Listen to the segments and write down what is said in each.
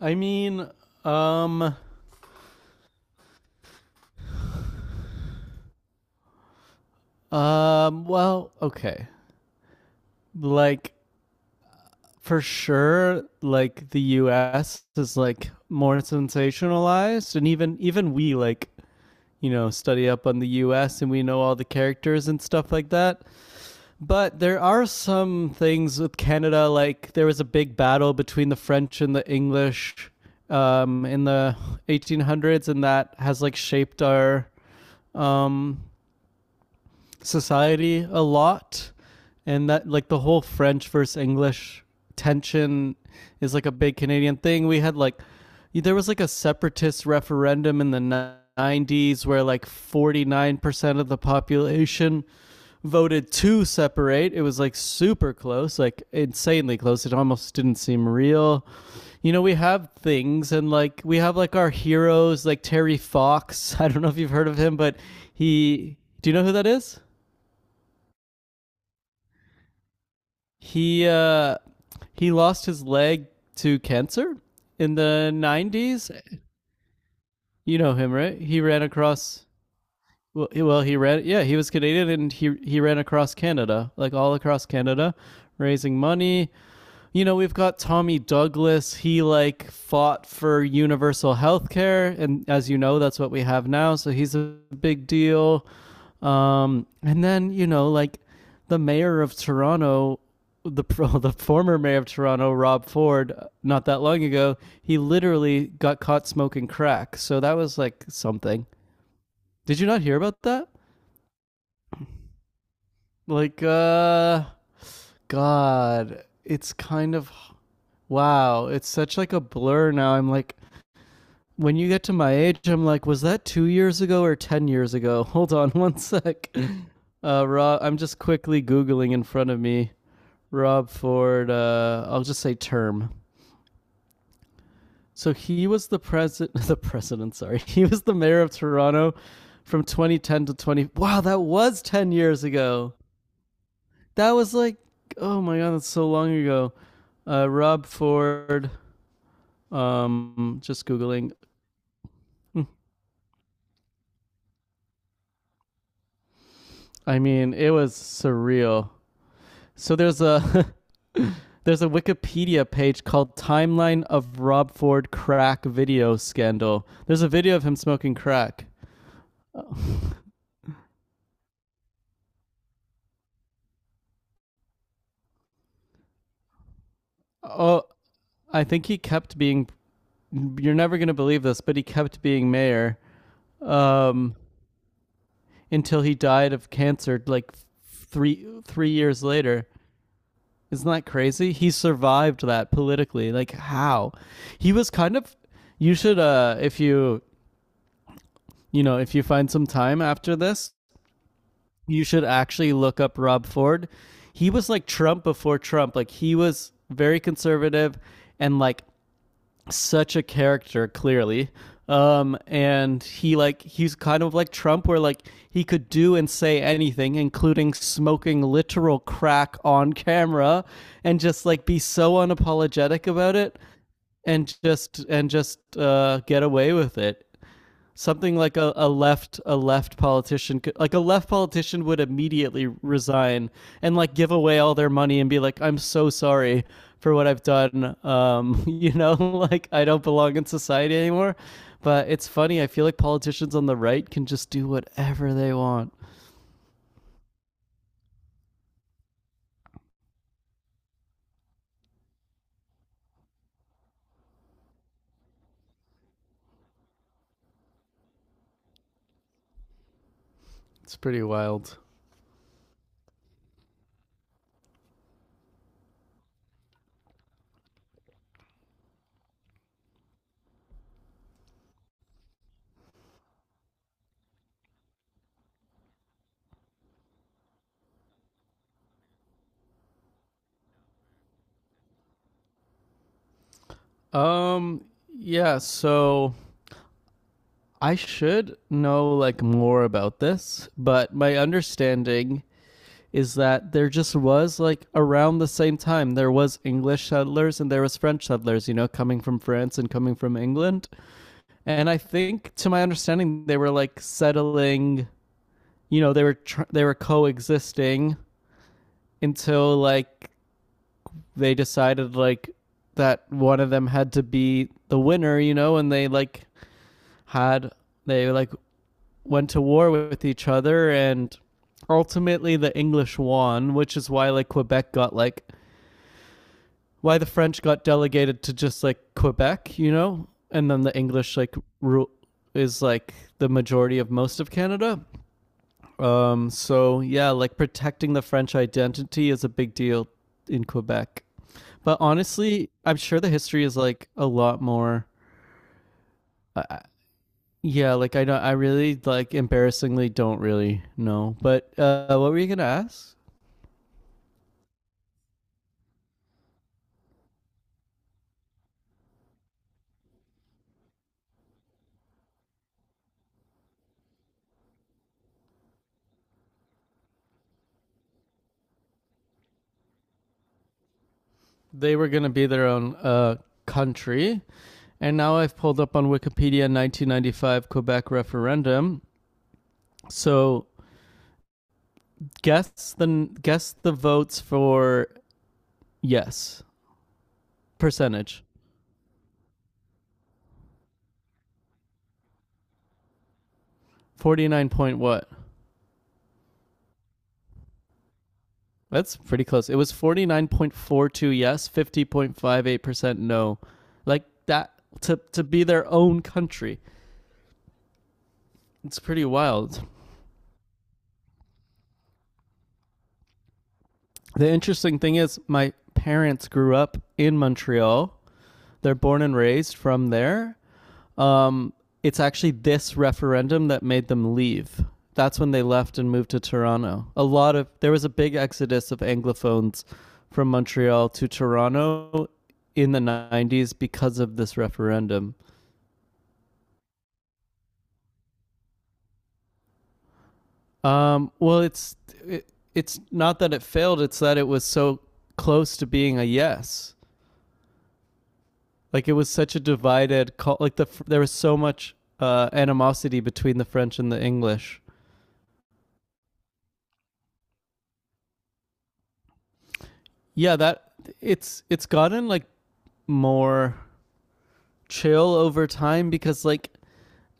I mean, um, well, okay. Like, for sure, like the U.S. is like more sensationalized, and even we like study up on the U.S. and we know all the characters and stuff like that. But there are some things with Canada, like there was a big battle between the French and the English in the 1800s, and that has like shaped our um society a lot, and that like the whole French versus English tension is like a big Canadian thing we had. Like, there was like a separatist referendum in the '90s where like 49% of the population voted to separate. It was like super close, like insanely close, it almost didn't seem real. We have things, and like we have, like, our heroes, like Terry Fox. I don't know if you've heard of him, but he do you know who that is? He uh, he lost his leg to cancer in the '90s. You know him, right? He ran across. Well, he ran. Yeah, he was Canadian, and he ran across Canada, like all across Canada, raising money. You know, we've got Tommy Douglas. He like fought for universal health care, and as you know, that's what we have now. So he's a big deal. And then like the mayor of Toronto, the well, the former mayor of Toronto, Rob Ford, not that long ago, he literally got caught smoking crack. So that was like something. Did you not hear about that? Like, God, it's kind of wow. It's such like a blur now. I'm like. When you get to my age, I'm like, was that 2 years ago or 10 years ago? Hold on one sec. Rob, I'm just quickly googling in front of me. Rob Ford. I'll just say term. So he was the president. The president. Sorry, he was the mayor of Toronto from 2010 to 20. Wow, that was 10 years ago. That was like, oh my god, that's so long ago. Rob Ford. Just googling. I mean, it was surreal. So there's a there's a Wikipedia page called "Timeline of Rob Ford Crack Video Scandal." There's a video of him smoking crack. Oh. Oh, I think he kept being. You're never gonna believe this, but he kept being mayor um, until he died of cancer, like three years later. Isn't that crazy? He survived that politically. Like how? He was kind of. You should, if you find some time after this, you should actually look up Rob Ford. He was like Trump before Trump. Like he was very conservative and like such a character, clearly. And he's kind of like Trump where like he could do and say anything, including smoking literal crack on camera, and just like be so unapologetic about it, and just get away with it. Something like a left politician would immediately resign and like give away all their money and be like, I'm so sorry for what I've done. Like I don't belong in society anymore. But it's funny, I feel like politicians on the right can just do whatever they want. It's pretty wild. um yeah, so I should know like more about this, but my understanding is that there just was like around the same time there was English settlers and there was French settlers, coming from France and coming from England. And I think to my understanding they were like settling, they were coexisting until like they decided like that one of them had to be the winner, and they like had they like went to war with each other, and ultimately the English won, which is why like Quebec got like why the French got delegated to just like Quebec, you know, and then the English like rule is like the majority of most of Canada. So yeah, like protecting the French identity is a big deal in Quebec. But honestly, I'm sure the history is like a lot more. Uh, yeah, like I don't. I really like embarrassingly don't really know. But what were you gonna ask? They were gonna be their own country. And now I've pulled up on Wikipedia 1995 Quebec referendum. So guess the votes for yes percentage. 49 point what? That's pretty close. It was 49.42 yes, 50.58% no. Like that to be their own country. It's pretty wild. The interesting thing is my parents grew up in Montreal. They're born and raised from there. Um, it's actually this referendum that made them leave. That's when they left and moved to Toronto. A lot of There was a big exodus of anglophones from Montreal to Toronto in the '90s because of this referendum. Well, it, it's not that it failed; it's that it was so close to being a yes. Like it was such a divided call. Like there was so much animosity between the French and the English. Yeah, that it's gotten like more chill over time because like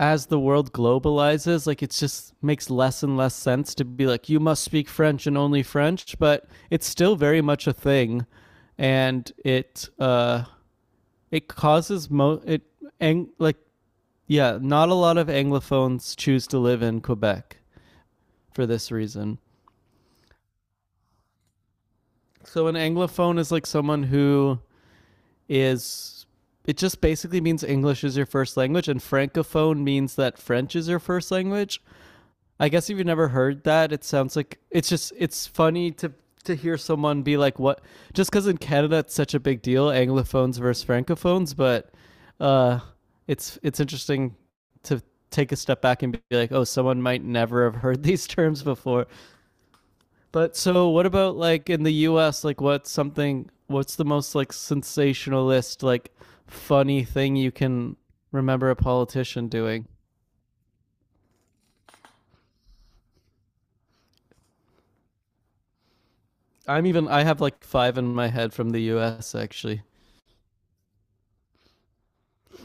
as the world globalizes, like it's just makes less and less sense to be like you must speak French and only French, but it's still very much a thing, and it causes mo it ang- like yeah, not a lot of anglophones choose to live in Quebec for this reason. So an anglophone is like someone who is, it just basically means English is your first language, and francophone means that French is your first language. I guess if you've never heard that, it sounds like it's funny to hear someone be like, "What?" Just because in Canada it's such a big deal, anglophones versus francophones, but uh, it's interesting to take a step back and be like, "Oh, someone might never have heard these terms before." But so what about like in the US, like what's the most like sensationalist, like funny thing you can remember a politician doing? I have like 5 in my head from the US actually.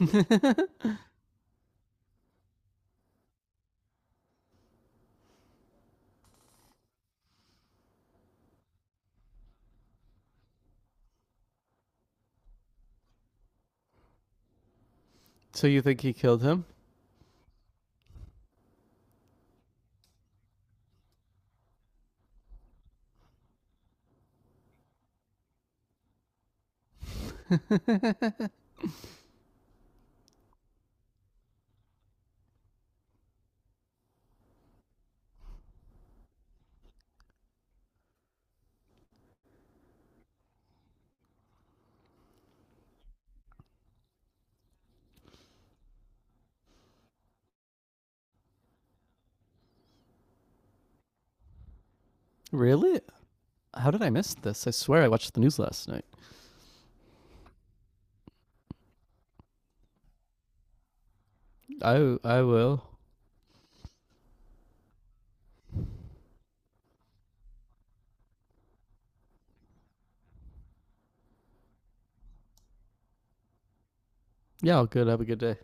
So you think he killed him? Really? How did I miss this? I swear I watched the news last night. I will. Yeah, all good. Have a good day.